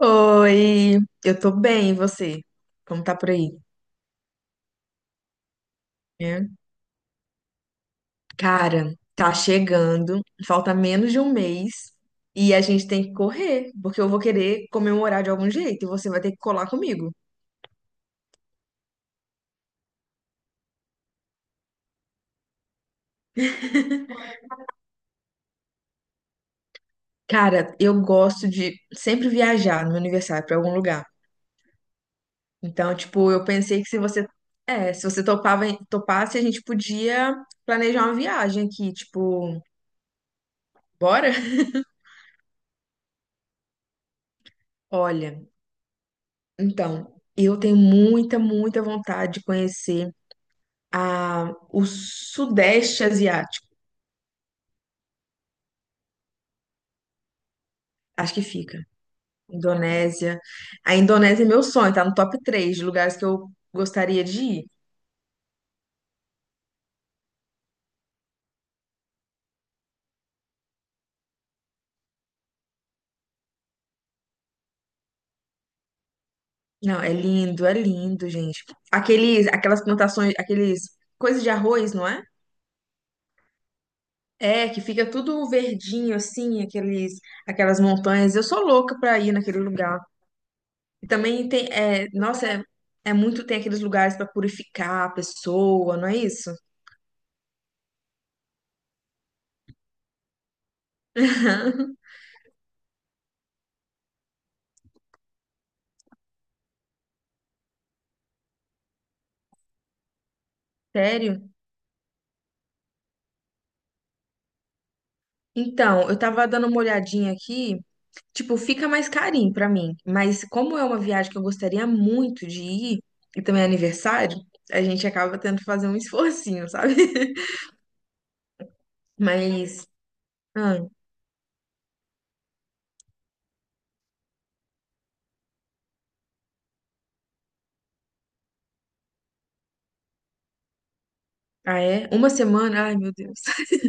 Oi, eu tô bem, e você? Como tá por aí? É. Cara, tá chegando, falta menos de um mês e a gente tem que correr, porque eu vou querer comemorar de algum jeito e você vai ter que colar comigo. Cara, eu gosto de sempre viajar no meu aniversário pra algum lugar. Então, tipo, eu pensei que se você topasse, a gente podia planejar uma viagem aqui, tipo, bora? Olha, então, eu tenho muita, muita vontade de conhecer o Sudeste Asiático, acho que fica. Indonésia. A Indonésia é meu sonho, tá no top 3 de lugares que eu gostaria de ir. Não, é lindo, gente. Aquelas plantações, aqueles coisas de arroz, não é? É, que fica tudo verdinho assim, aquelas montanhas. Eu sou louca pra ir naquele lugar. E também tem, é, nossa, é muito, tem aqueles lugares pra purificar a pessoa, não é isso? Sério? Então, eu tava dando uma olhadinha aqui, tipo, fica mais carinho pra mim, mas como é uma viagem que eu gostaria muito de ir, e também é aniversário, a gente acaba tendo que fazer um esforcinho, sabe? Mas, ah, ah, é? Uma semana? Ai, meu Deus.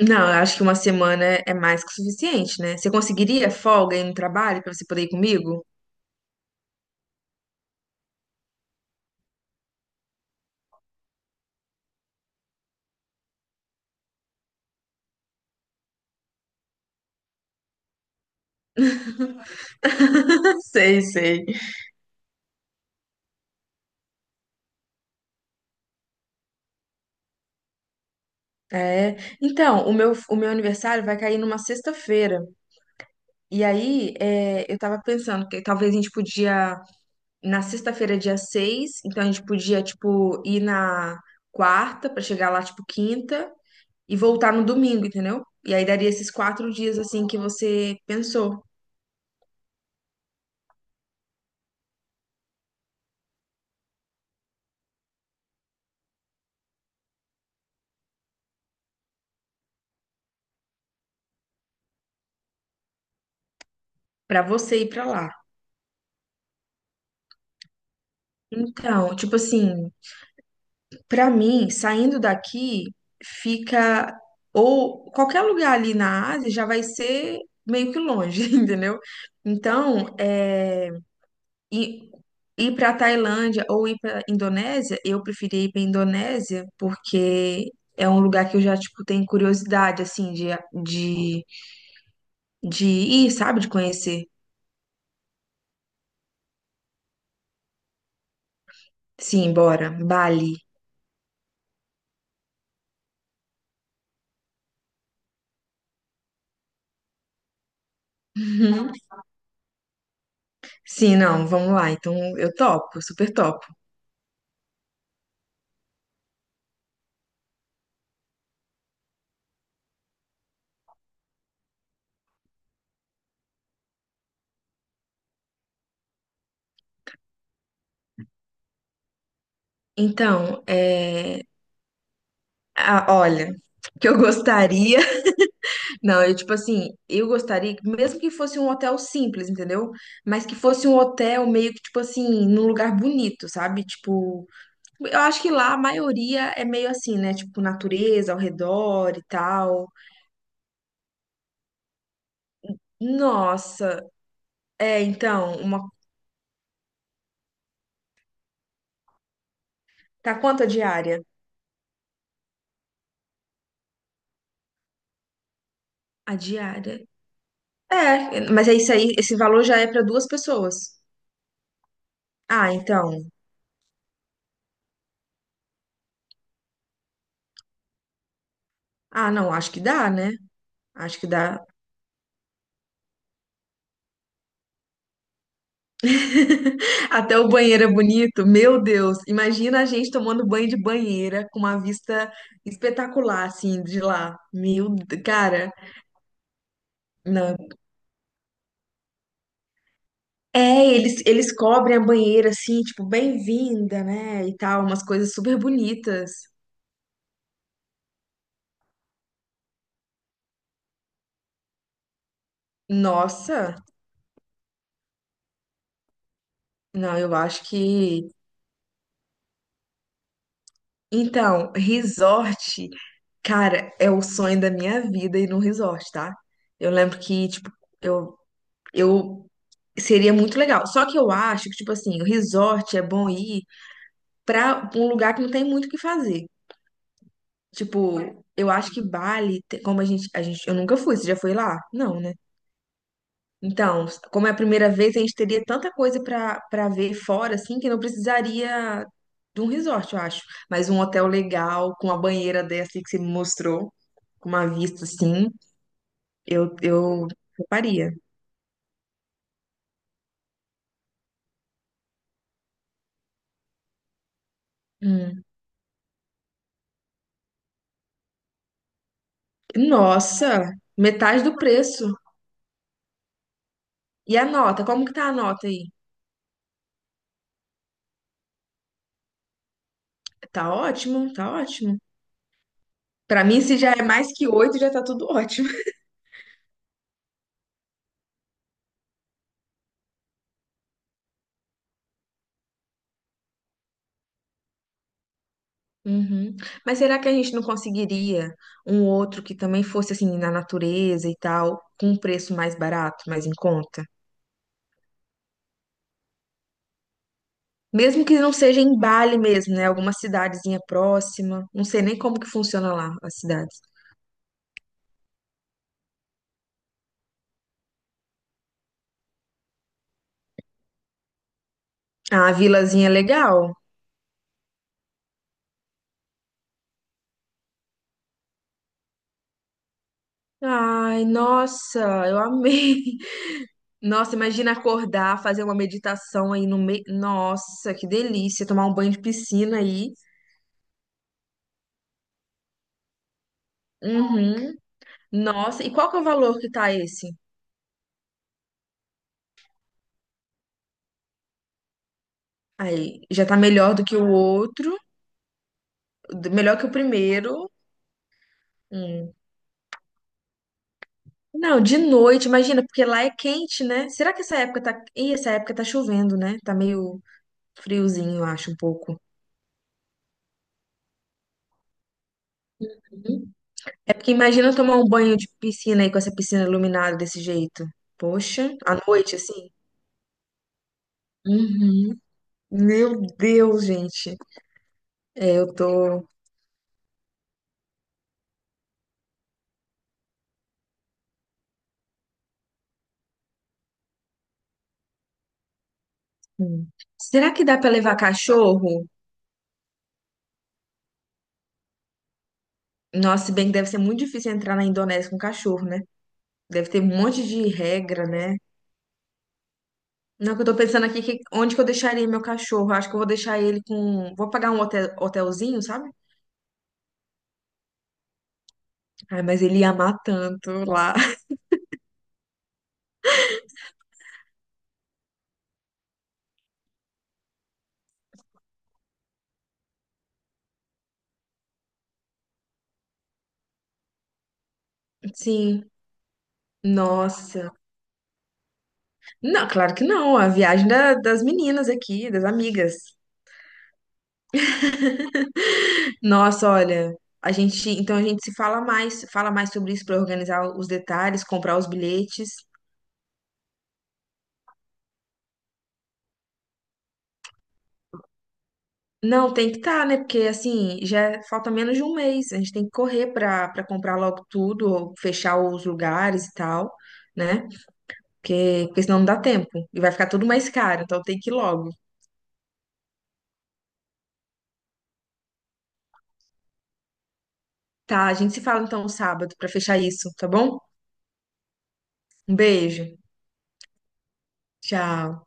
Não, eu acho que uma semana é mais que o suficiente, né? Você conseguiria folga aí no trabalho pra você poder ir comigo? Sei, sei. É. Então, o meu aniversário vai cair numa sexta-feira. E aí, é, eu tava pensando que talvez a gente podia na sexta-feira, dia 6, então a gente podia, tipo, ir na quarta pra chegar lá, tipo, quinta e voltar no domingo, entendeu? E aí daria esses 4 dias, assim, que você pensou pra você ir pra lá. Então, tipo assim, pra mim, saindo daqui, fica. Ou qualquer lugar ali na Ásia já vai ser meio que longe, entendeu? Então, e ir para a Tailândia ou ir para a Indonésia, eu preferi ir para a Indonésia porque é um lugar que eu já, tipo, tenho curiosidade, assim, de, de ir, sabe? De conhecer. Sim, bora. Bali. Uhum. Sim, não, vamos lá. Então, eu topo, super topo. Então, ah, olha, que eu gostaria. Não, eu, tipo assim, eu gostaria, que mesmo que fosse um hotel simples, entendeu? Mas que fosse um hotel meio que, tipo assim, num lugar bonito, sabe? Tipo, eu acho que lá a maioria é meio assim, né? Tipo, natureza ao redor e tal. Nossa, então, uma. Tá quanto a diária? A diária. É, mas é isso aí, esse valor já é pra duas pessoas. Ah, então. Ah, não, acho que dá, né? Acho que dá. Até o banheiro é bonito. Meu Deus, imagina a gente tomando banho de banheira com uma vista espetacular, assim, de lá. Cara, não. É, eles cobrem a banheira assim, tipo, bem-vinda, né? E tal, umas coisas super bonitas. Nossa, não, eu acho que. Então, resort, cara, é o sonho da minha vida ir num resort, tá? Eu lembro que, tipo, eu, eu seria muito legal. Só que eu acho que, tipo assim, o resort é bom ir pra um lugar que não tem muito o que fazer. Tipo, eu acho que Bali, como a gente, eu nunca fui, você já foi lá? Não, né? Então, como é a primeira vez, a gente teria tanta coisa para ver fora, assim, que não precisaria de um resort, eu acho. Mas um hotel legal, com uma banheira dessa aí que você me mostrou, com uma vista assim, eu faria. Hum. Nossa, metade do preço. E a nota? Como que tá a nota aí? Tá ótimo, tá ótimo. Pra mim, se já é mais que oito, já tá tudo ótimo. Uhum. Mas será que a gente não conseguiria um outro que também fosse assim na natureza e tal, com um preço mais barato, mais em conta? Mesmo que não seja em Bali mesmo, né? Alguma cidadezinha próxima. Não sei nem como que funciona lá as cidades. Ah, a vilazinha é legal. Ai, nossa, eu amei. Nossa, imagina acordar, fazer uma meditação aí no meio. Nossa, que delícia, tomar um banho de piscina aí. Uhum. Nossa, e qual que é o valor que tá esse? Aí já tá melhor do que o outro, melhor que o primeiro. Hum. Não, de noite, imagina, porque lá é quente, né? Será que essa época tá. Ih, essa época tá chovendo, né? Tá meio friozinho, eu acho, um pouco. Uhum. É porque imagina eu tomar um banho de piscina aí com essa piscina iluminada desse jeito. Poxa, à noite, assim. Uhum. Meu Deus, gente. É, eu tô. Hum. Será que dá pra levar cachorro? Nossa, se bem que deve ser muito difícil entrar na Indonésia com cachorro, né? Deve ter um monte de regra, né? Não, que eu tô pensando aqui que onde que eu deixaria meu cachorro? Acho que eu vou deixar ele com. Vou pagar um hotel, hotelzinho, sabe? Ai, mas ele ia amar tanto lá. Sim. Nossa. Não, claro que não. A viagem das meninas aqui, das amigas. Nossa, olha. A gente, então a gente se fala mais, fala mais sobre isso para organizar os detalhes, comprar os bilhetes. Não, tem que estar, né? Porque assim, já falta menos de um mês. A gente tem que correr para comprar logo tudo, ou fechar os lugares e tal, né? Porque senão não dá tempo. E vai ficar tudo mais caro, então tem que ir logo. Tá, a gente se fala então sábado para fechar isso, tá bom? Um beijo. Tchau.